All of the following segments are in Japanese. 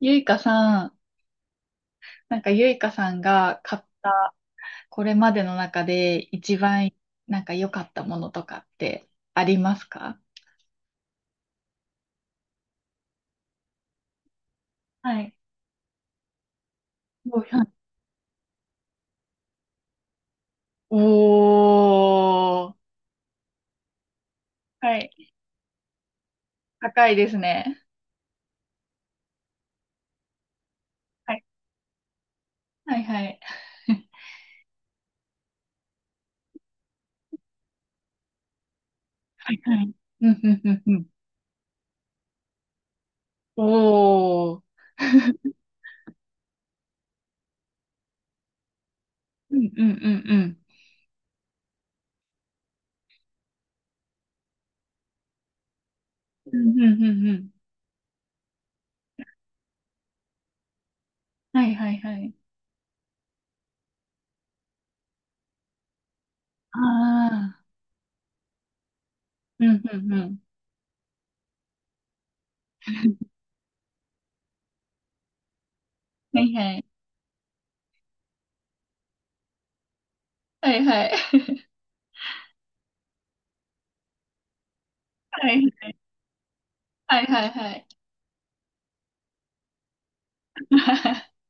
ゆいかさん、なんかゆいかさんが買ったこれまでの中で一番なんか良かったものとかってありますか？はい。5、おー、はい。高いですね。はい。はいはい。はい。はい。うんうんうんうん。おー。うんうんうんうん。うんうんうんうん。はいはいはい。ああ。うんうんうん。はいはい。はいはい。はい。はいはいはい。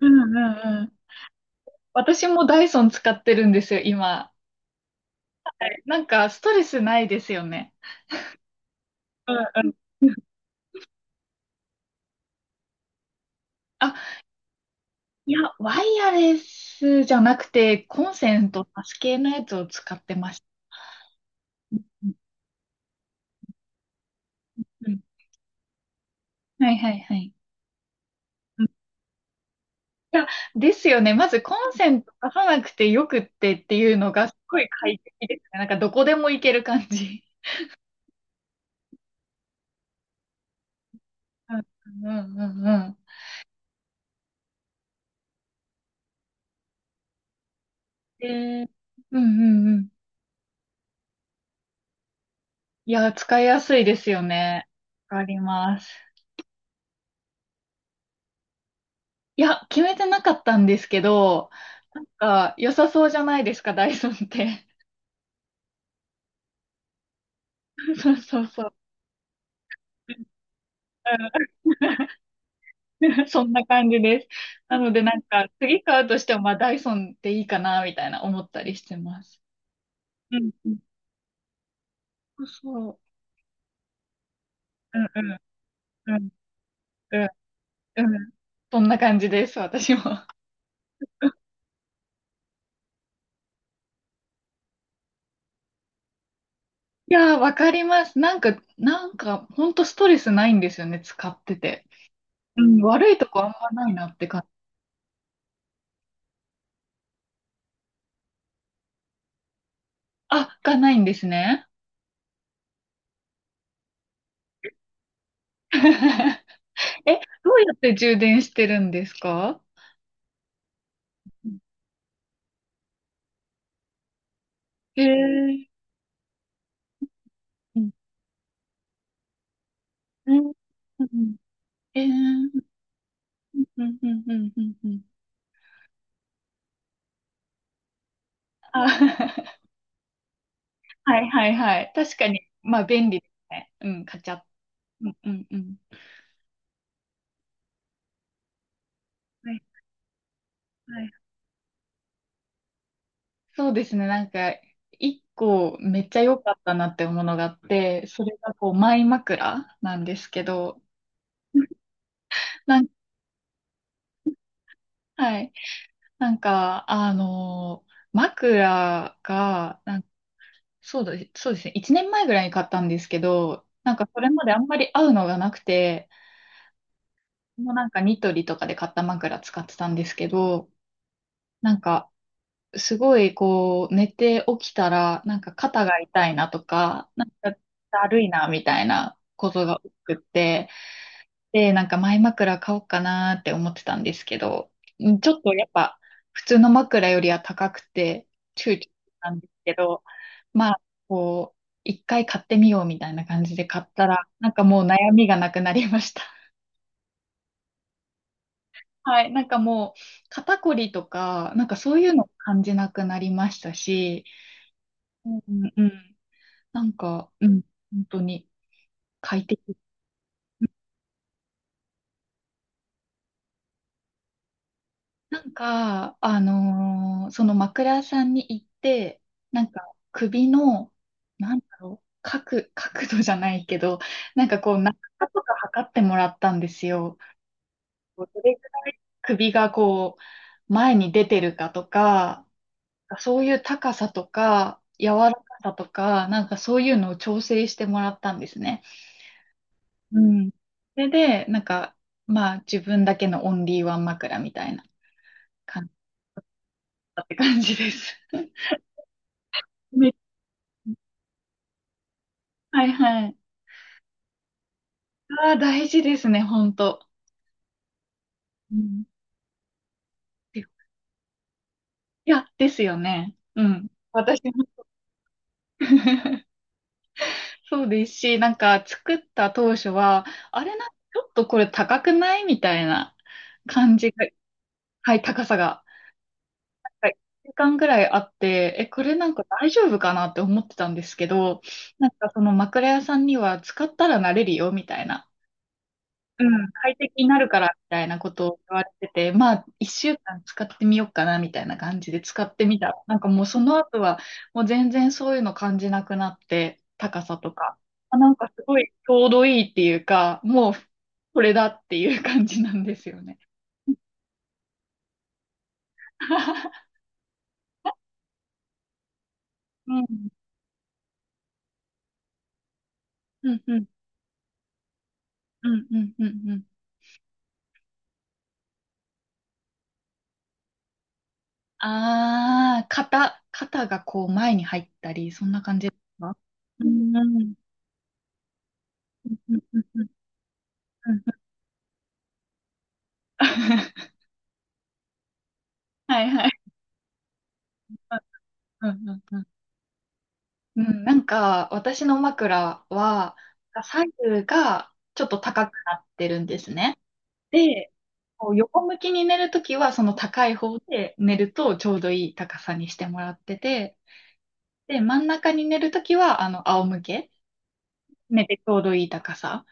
うんうんうん。私もダイソン使ってるんですよ、今。なんかストレスないですよね。うんうん。あ、いや、ワイヤレスじゃなくて、コンセント挿し系のやつを使ってました。うんうん。はいはいはい。うん。いや、ですよね。まずコンセント挿さなくてよくってっていうのがすごい快適ですね。なんかどこでも行ける感じ。うんうんうんうん。えー、うんうんうん。いや、使いやすいですよね。わかります。いや、決めてなかったんですけど、なんか良さそうじゃないですか、ダイソンって。そうそうそう。うん、 そんな感じです。なのでなんか、次買うとしても、まあダイソンでいいかな、みたいな思ったりしてます。うんうん。そうそう。うんうんうんうんうん。そんな感じです、私も。いやー、わかります。なんか、ほんとストレスないんですよね、使ってて。うん、悪いとこあんまないなって感じ。あ、がないんですね。え、どうやって充電してるんですか？うん。へえ。うん。うん。うん。え、うんうん。うん。うん。うん。うん。あ、はいはいはい。確かに、まあ便利ですね。うん、カチャッ。うんうんうん。はいはい。そうですね。一個めっちゃ良かったなってものがあって、それがこう、マイ枕なんですけど、なん、はい。なんか、あのク枕が、そうだ、そうですね。1年前ぐらいに買ったんですけど、なんかそれまであんまり合うのがなくて、もうなんかニトリとかで買った枕使ってたんですけど、なんかすごいこう寝て起きたら、なんか肩が痛いなとか、なんかだるいなみたいなことが多くって、で、なんか前枕買おうかなーって思ってたんですけど、うん、ちょっとやっぱ普通の枕よりは高くて躊躇したんですけど、まあ、こう、一回買ってみようみたいな感じで買ったら、なんかもう悩みがなくなりました。はい、なんかもう肩こりとか、なんかそういうの感じなくなりましたし、うんうんうん、なんか、うん、本当に快適。なんか、その枕屋さんに行って、なんか首の、なんだろう、角度じゃないけど、なんかこう、長さとか測ってもらったんですよ。こうどれぐらい首がこう、前に出てるかとか、そういう高さとか、柔らかさとか、なんかそういうのを調整してもらったんですね。うん。それで、なんか、まあ、自分だけのオンリーワン枕みたいな感じだったって感じです。はいはい。ああ、大事ですね、本当。うん。いや、ですよね。うん。私も。 そうですし、なんか作った当初は、あれな、ちょっとこれ高くないみたいな感じが、はい、高さが。はい、1時間ぐらいあって、え、これなんか大丈夫かなって思ってたんですけど、なんかその枕屋さんには使ったら慣れるよみたいな、うん、快適になるからみたいなことを言われてて、まあ、一週間使ってみようかなみたいな感じで使ってみたら。なんかもうその後は、もう全然そういうの感じなくなって、高さとか。あ、なんかすごいちょうどいいっていうか、もうこれだっていう感じなんですよね。うん、うん、うん、うん、うん、うん。うん。ああ、肩がこう前に入ったり、そんな感じですか？うん、うん、うん、うん、うん。うん。 はいはい。うんうんうん。うん、なんか、私の枕は、左右がちょっと高くなってるんですね。で、こう横向きに寝るときは、その高い方で寝るとちょうどいい高さにしてもらってて、で、真ん中に寝るときは、あの、仰向け、寝てちょうどいい高さ。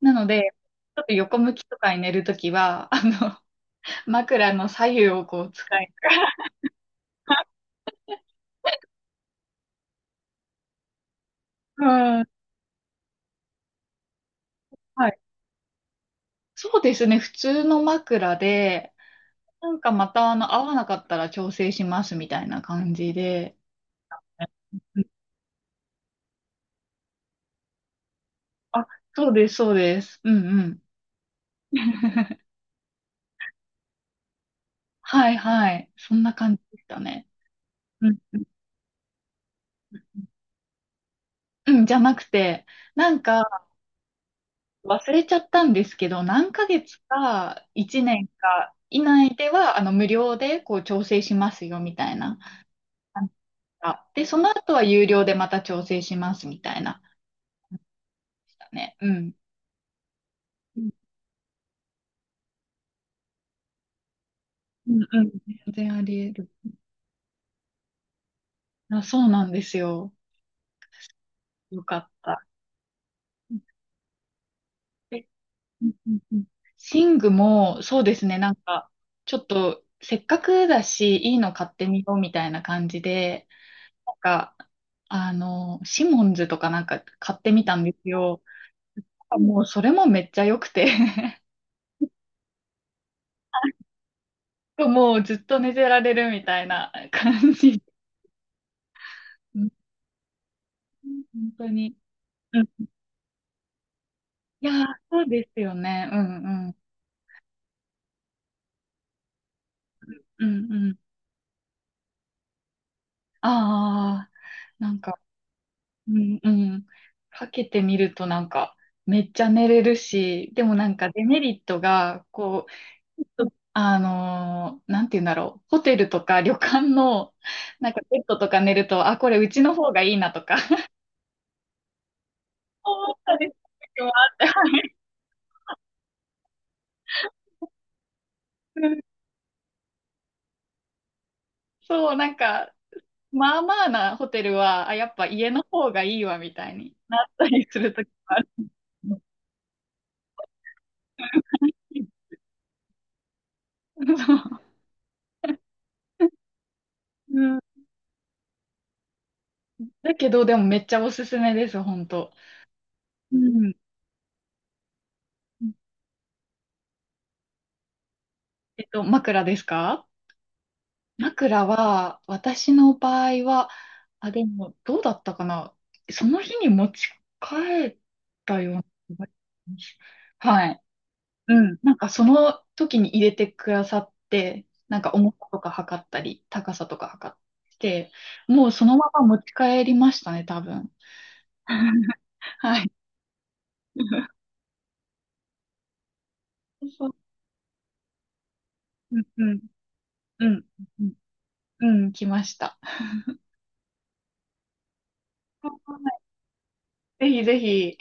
なので、ちょっと横向きとかに寝るときは、あの、枕の左右をこう使い、うん、はい。そうですね、普通の枕で、なんかまたあの、合わなかったら調整しますみたいな感じで。うん。あ、そうです、そうです。うんうん。はいはい。そんな感じでしたね。うんうんうん、じゃなくて、なんか忘れちゃったんですけど、何ヶ月か1年か以内では、あの、無料でこう調整しますよ、みたいな感じが。で、その後は有料でまた調整します、みたいな感じでしたね。うん。うんうんうん。全然あり得る。あ、そうなんですよ。よかった。え、うんうんうん、寝具も、そうですね、なんか、ちょっと、せっかくだし、いいの買ってみようみたいな感じで、なんか、あの、シモンズとかなんか買ってみたんですよ。もう、それもめっちゃ良くて。 もうずっと寝てられるみたいな感じ。うん、本当に。うん、いやー、そうですよね。うんうん。うんうん。ああ、なんか、うんうん。かけてみるとなんか、めっちゃ寝れるし、でもなんかデメリットが、こう、ちょっとなんて言うんだろう、ホテルとか旅館の、なんかベッドとか寝ると、あ、これうちの方がいいなとか、思ったりする時もあって、はい。うん。そう、なんか、まあまあなホテルは、あ、やっぱ家の方がいいわ、みたいになったりする時もある。そう。うん。だけど、でもめっちゃおすすめです、本当。うん。えっと、枕ですか？枕は、私の場合は、あ、でも、どうだったかな、その日に持ち帰ったような気がします。はい。うん。なんか、その時に入れてくださって、なんか、重さとか測ったり、高さとか測って、もうそのまま持ち帰りましたね、多分。はい。そう。うん、うん、うん、うん、うん、来ました。はい、ぜひぜひ。